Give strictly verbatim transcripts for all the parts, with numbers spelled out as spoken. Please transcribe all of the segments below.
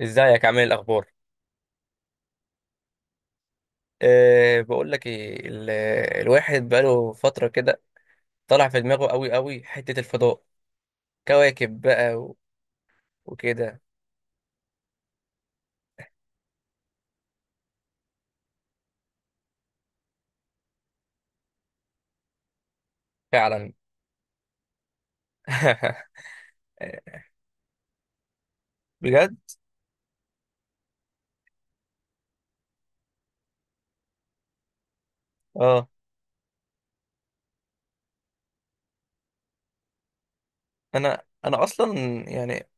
ازيك عامل إيه الاخبار؟ أه بقول لك ايه ال- الواحد بقاله فتره كده. طالع في دماغه قوي قوي، حته الفضاء، كواكب بقى و- وكده. فعلا. بجد. اه. انا انا اصلا يعني،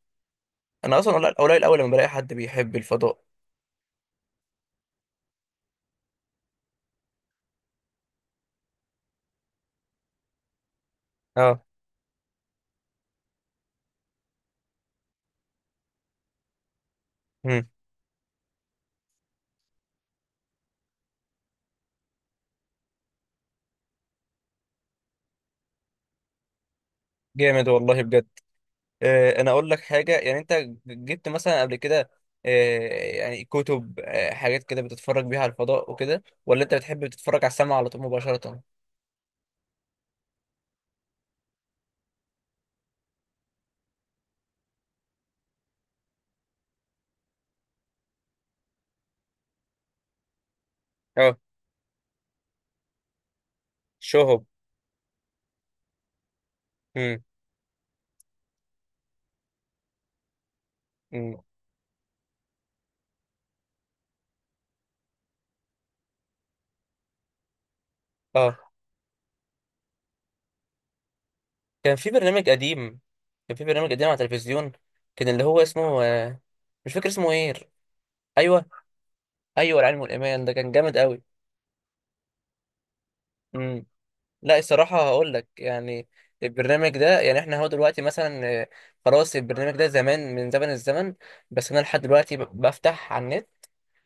انا اصلا قليل قليل اول لما بلاقي حد بيحب الفضاء. اه. مم. جامد والله بجد. أه انا اقول لك حاجه، يعني انت جبت مثلا قبل كده؟ أه يعني كتب، أه حاجات كده بتتفرج بيها على الفضاء وكده، ولا انت بتحب تتفرج على السماء على طول مباشره؟ اه. شهب. امم. امم. اه. كان في برنامج قديم كان في برنامج قديم على التلفزيون، كان اللي هو اسمه، آه، مش فاكر اسمه ايه؟ ايوه. ايوه، العلم والايمان ده كان جامد قوي. امم. لا، الصراحه هقول لك يعني، البرنامج ده يعني احنا هو دلوقتي مثلا، آه، خلاص البرنامج ده زمان من زمن الزمن. بس انا لحد دلوقتي ب- بفتح على النت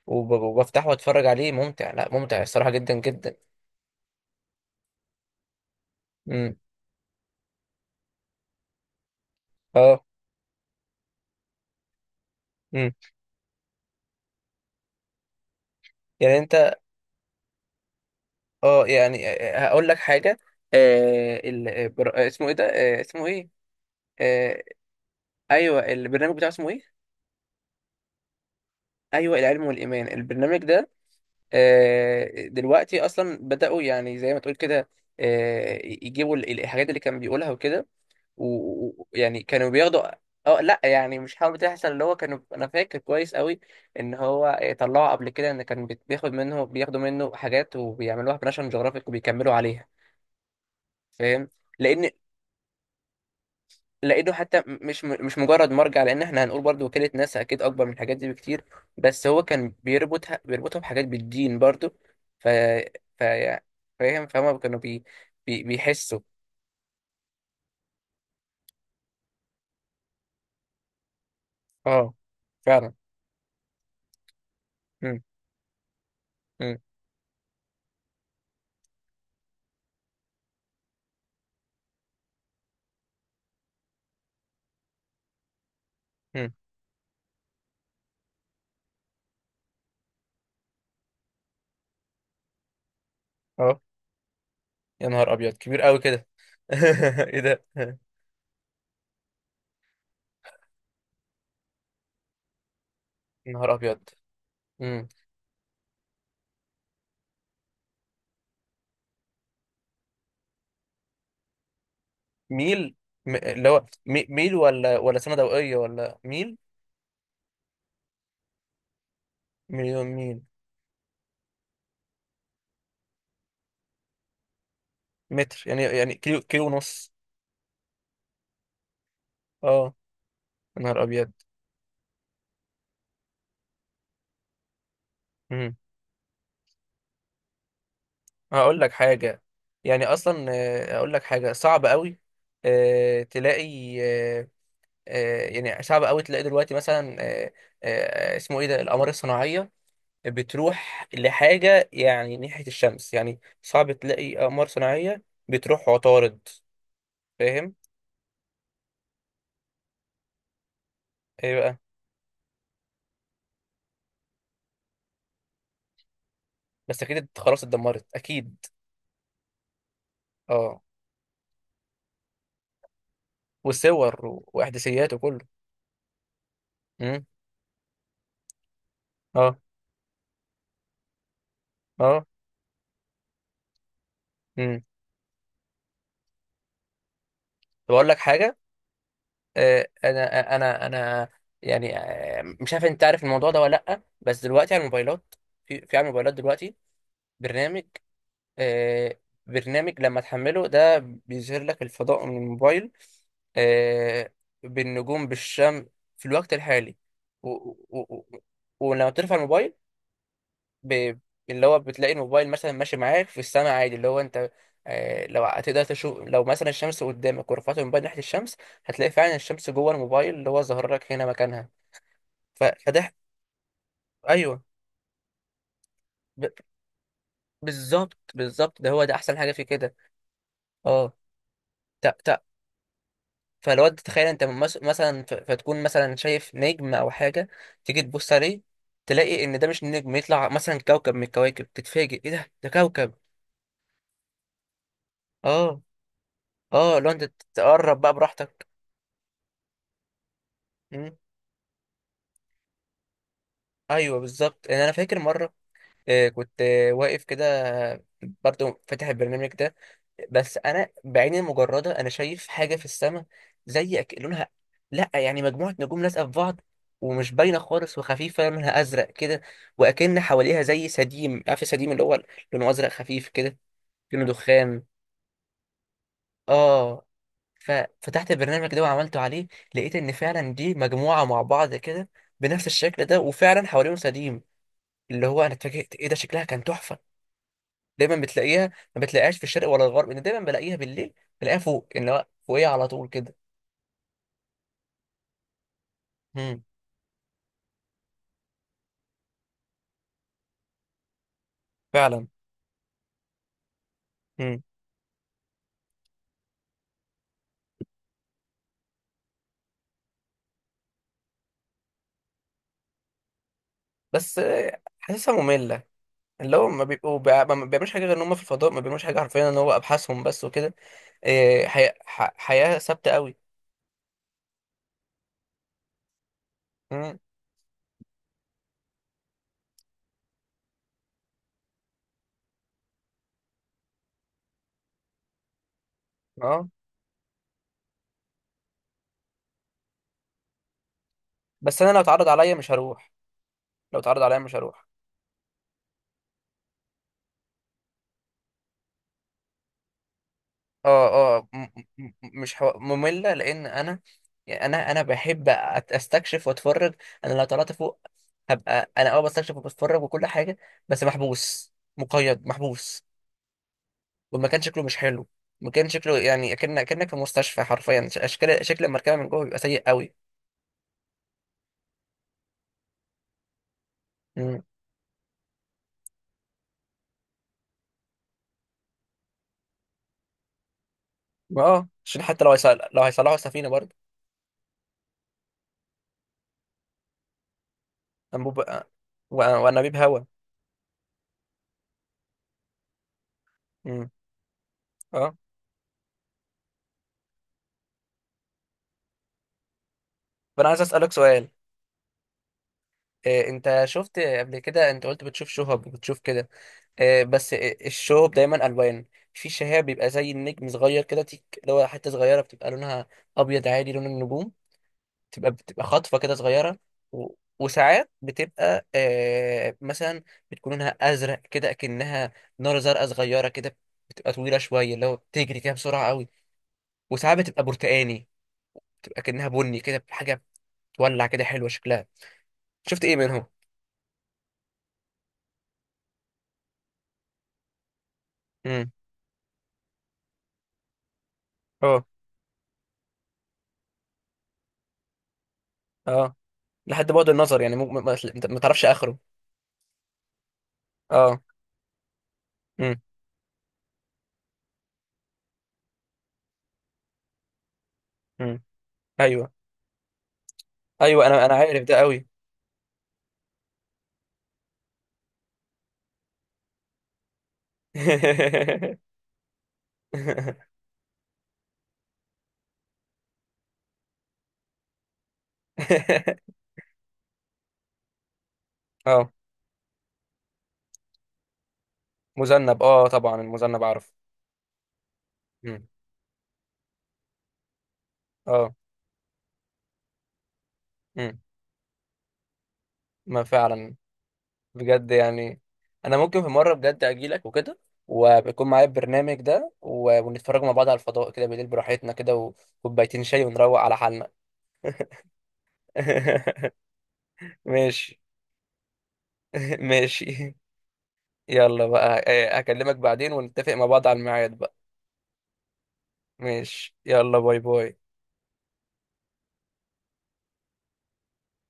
وب- وبفتحه واتفرج عليه. ممتع، لا، ممتع الصراحه جدا جدا. امم. اه. امم. يعني انت، اه، يعني، آه، آه، هقول لك حاجه. آه ال... آه، بر... آه، اسمه ايه ده؟ آه اسمه ايه؟ آه. ايوه، البرنامج بتاعه اسمه ايه؟ ايوه، العلم والايمان البرنامج ده. آه دلوقتي اصلا بداوا، يعني زي ما تقول كده، آه يجيبوا ال- الحاجات اللي كان بيقولها وكده. ويعني كانوا بياخدوا. اه لا يعني مش حاجه بتحصل، اللي هو كانوا، انا فاكر كويس قوي ان هو، آه، طلعوا قبل كده ان كان بيت- بياخد منه، بياخدوا منه حاجات وبيعملوها بناشونال جيوغرافيك وبيكملوا عليها. فاهم، لان لقيته حتى م- مش م- مش مجرد مرجع، لان احنا هنقول برضو وكالة ناسا اكيد اكبر من الحاجات دي بكتير. بس هو كان بيربطها بيربطها بحاجات بالدين برضو. ف ف فاهم، فهم كانوا بي... بي... بيحسوا. اه. فعلا. مم. مم. مم. اه. يا نهار ابيض، كبير قوي كده. ايه ده؟ يا نهار ابيض. مم. ميل. م- اللي هو مي- ميل ولا ولا سنة ضوئية ولا ميل؟ مليون ميل. متر، يعني يعني كيلو، كيلو ونص. اه. يا نهار ابيض. مم. هقول لك حاجة، يعني أصلا، آه، أقول لك حاجة صعب قوي آه، تلاقي، آه، آه، يعني صعب قوي تلاقي دلوقتي مثلا، آه، آه، آه، اسمه إيه ده، الأقمار الصناعية بتروح لحاجة يعني ناحية الشمس، يعني صعب تلاقي أقمار صناعية بتروح عطارد. فاهم؟ إيه بقى؟ بس أكيد خلاص اتدمرت أكيد. أه. وصور و- وإحداثيات وكله. أمم. أه أه. أمم. طب أقول لك حاجة، آه، انا آه، انا انا يعني، آه، مش عارف انت عارف الموضوع ده ولا لا، بس دلوقتي على الموبايلات، في في على الموبايلات دلوقتي برنامج، آه، برنامج لما تحمله ده بيظهر لك الفضاء من الموبايل، آه، بالنجوم بالشمس في الوقت الحالي. و و و و- ولما بترفع الموبايل، ب... اللي هو بتلاقي الموبايل مثلا ماشي معاك في السماء عادي. اللي هو انت، آه، لو هتقدر تشوف، لو مثلا الشمس قدامك ورفعت الموبايل ناحية الشمس، هتلاقي فعلا الشمس جوه الموبايل اللي هو ظاهر لك هنا مكانها. ف... فده، ايوه، ب... بالظبط بالظبط، ده هو، ده احسن حاجة في كده. اه. تا تا. فالواد تخيل انت، مس... مثلا، ف... فتكون مثلا شايف نجم او حاجة، تيجي تبص عليه، تلاقي ان ده مش نجم، يطلع مثلا كوكب من الكواكب، تتفاجئ ايه ده، ده كوكب. اه. اه لو انت تقرب بقى براحتك. ايوه بالظبط، ان انا فاكر مره، آه، كنت آه، واقف كده، آه، برضو فاتح البرنامج ده. بس انا بعيني المجرده انا شايف حاجه في السماء، زي، أك- لونها، لا يعني مجموعه نجوم لازقه في بعض، ومش باينه خالص وخفيفه، لونها ازرق كده، واكن حواليها زي سديم، عارف السديم اللي هو لونه ازرق خفيف كده، لونه دخان. اه. ففتحت البرنامج ده وعملته عليه، لقيت ان فعلا دي مجموعه مع بعض كده بنفس الشكل ده، وفعلا حواليهم سديم. اللي هو انا اتفاجئت ايه ده، شكلها كان تحفه. دايما بتلاقيها، ما بتلاقيهاش في الشرق ولا الغرب، انا دايما بلاقيها بالليل، بلاقيها فوق، ان هو فوقيها على طول كده. امم. فعلا. امم. بس آه، حاسسها ممله، اللي هو ما بيبقوا بيع- ما ما بيعملوش حاجه غير ان هم في الفضاء، ما بيعملوش حاجه حرفيا، ان هو ابحاثهم بس وكده. إيه، حياه ح- حياه ثابته قوي. امم. اه. بس انا لو اتعرض عليا مش هروح. لو اتعرض عليا مش هروح. اه اه. م- م- مش حو... مملة، لأن أنا يعني، أنا أنا بحب أت- أستكشف وأتفرج. أنا لو طلعت فوق، هبقى أنا أه بستكشف وبتفرج وكل حاجة. بس محبوس، مقيد، محبوس. والمكان شكله مش حلو. المكان شكله يعني، أكن أكنك في مستشفى حرفيا. ش- أشكال، شكل المركبة من جوه بيبقى سيء قوي. مم. اه، عشان حتى لو هيصل... لو هيصلحوا السفينة برضه، أنبوب، و... وأنابيب هوا. مم. اه. فأنا عايز أسألك سؤال، إيه، أنت شفت قبل كده، أنت قلت بتشوف شهب وبتشوف كده، آه، بس آه، الشو دايما الوان. في شهاب بيبقى زي النجم صغير كده تيك، اللي هو حته صغيره بتبقى لونها ابيض عادي لون النجوم، تبقى بتبقى خاطفه كده صغيره، و... وساعات بتبقى آه مثلا بتكون لونها ازرق كده اكنها نار زرقاء صغيره كده، بتبقى طويله شويه، اللي هو بتجري كده بسرعه قوي. وساعات بتبقى برتقاني، بتبقى كأنها بني كده حاجه، بتولع كده، حلوه شكلها. شفت ايه منهم؟ امم. اه اه. لحد بعد النظر يعني، مو... ما... ما ما تعرفش اخره. اه. امم. ايوه. ايوه انا انا عارف ده قوي. اه. مذنب، اه طبعا، المذنب عارف. مم. اه. مم. ما فعلا. بجد يعني، انا ممكن في مره بجد اجي لك وكده، وبيكون معايا البرنامج ده و... ونتفرج مع بعض على الفضاء كده بالليل براحتنا كده، وكوبايتين شاي ونروق على حالنا. ماشي. ماشي. يلا بقى، آه، هكلمك بعدين ونتفق مع بعض على الميعاد بقى. ماشي، يلا باي باي.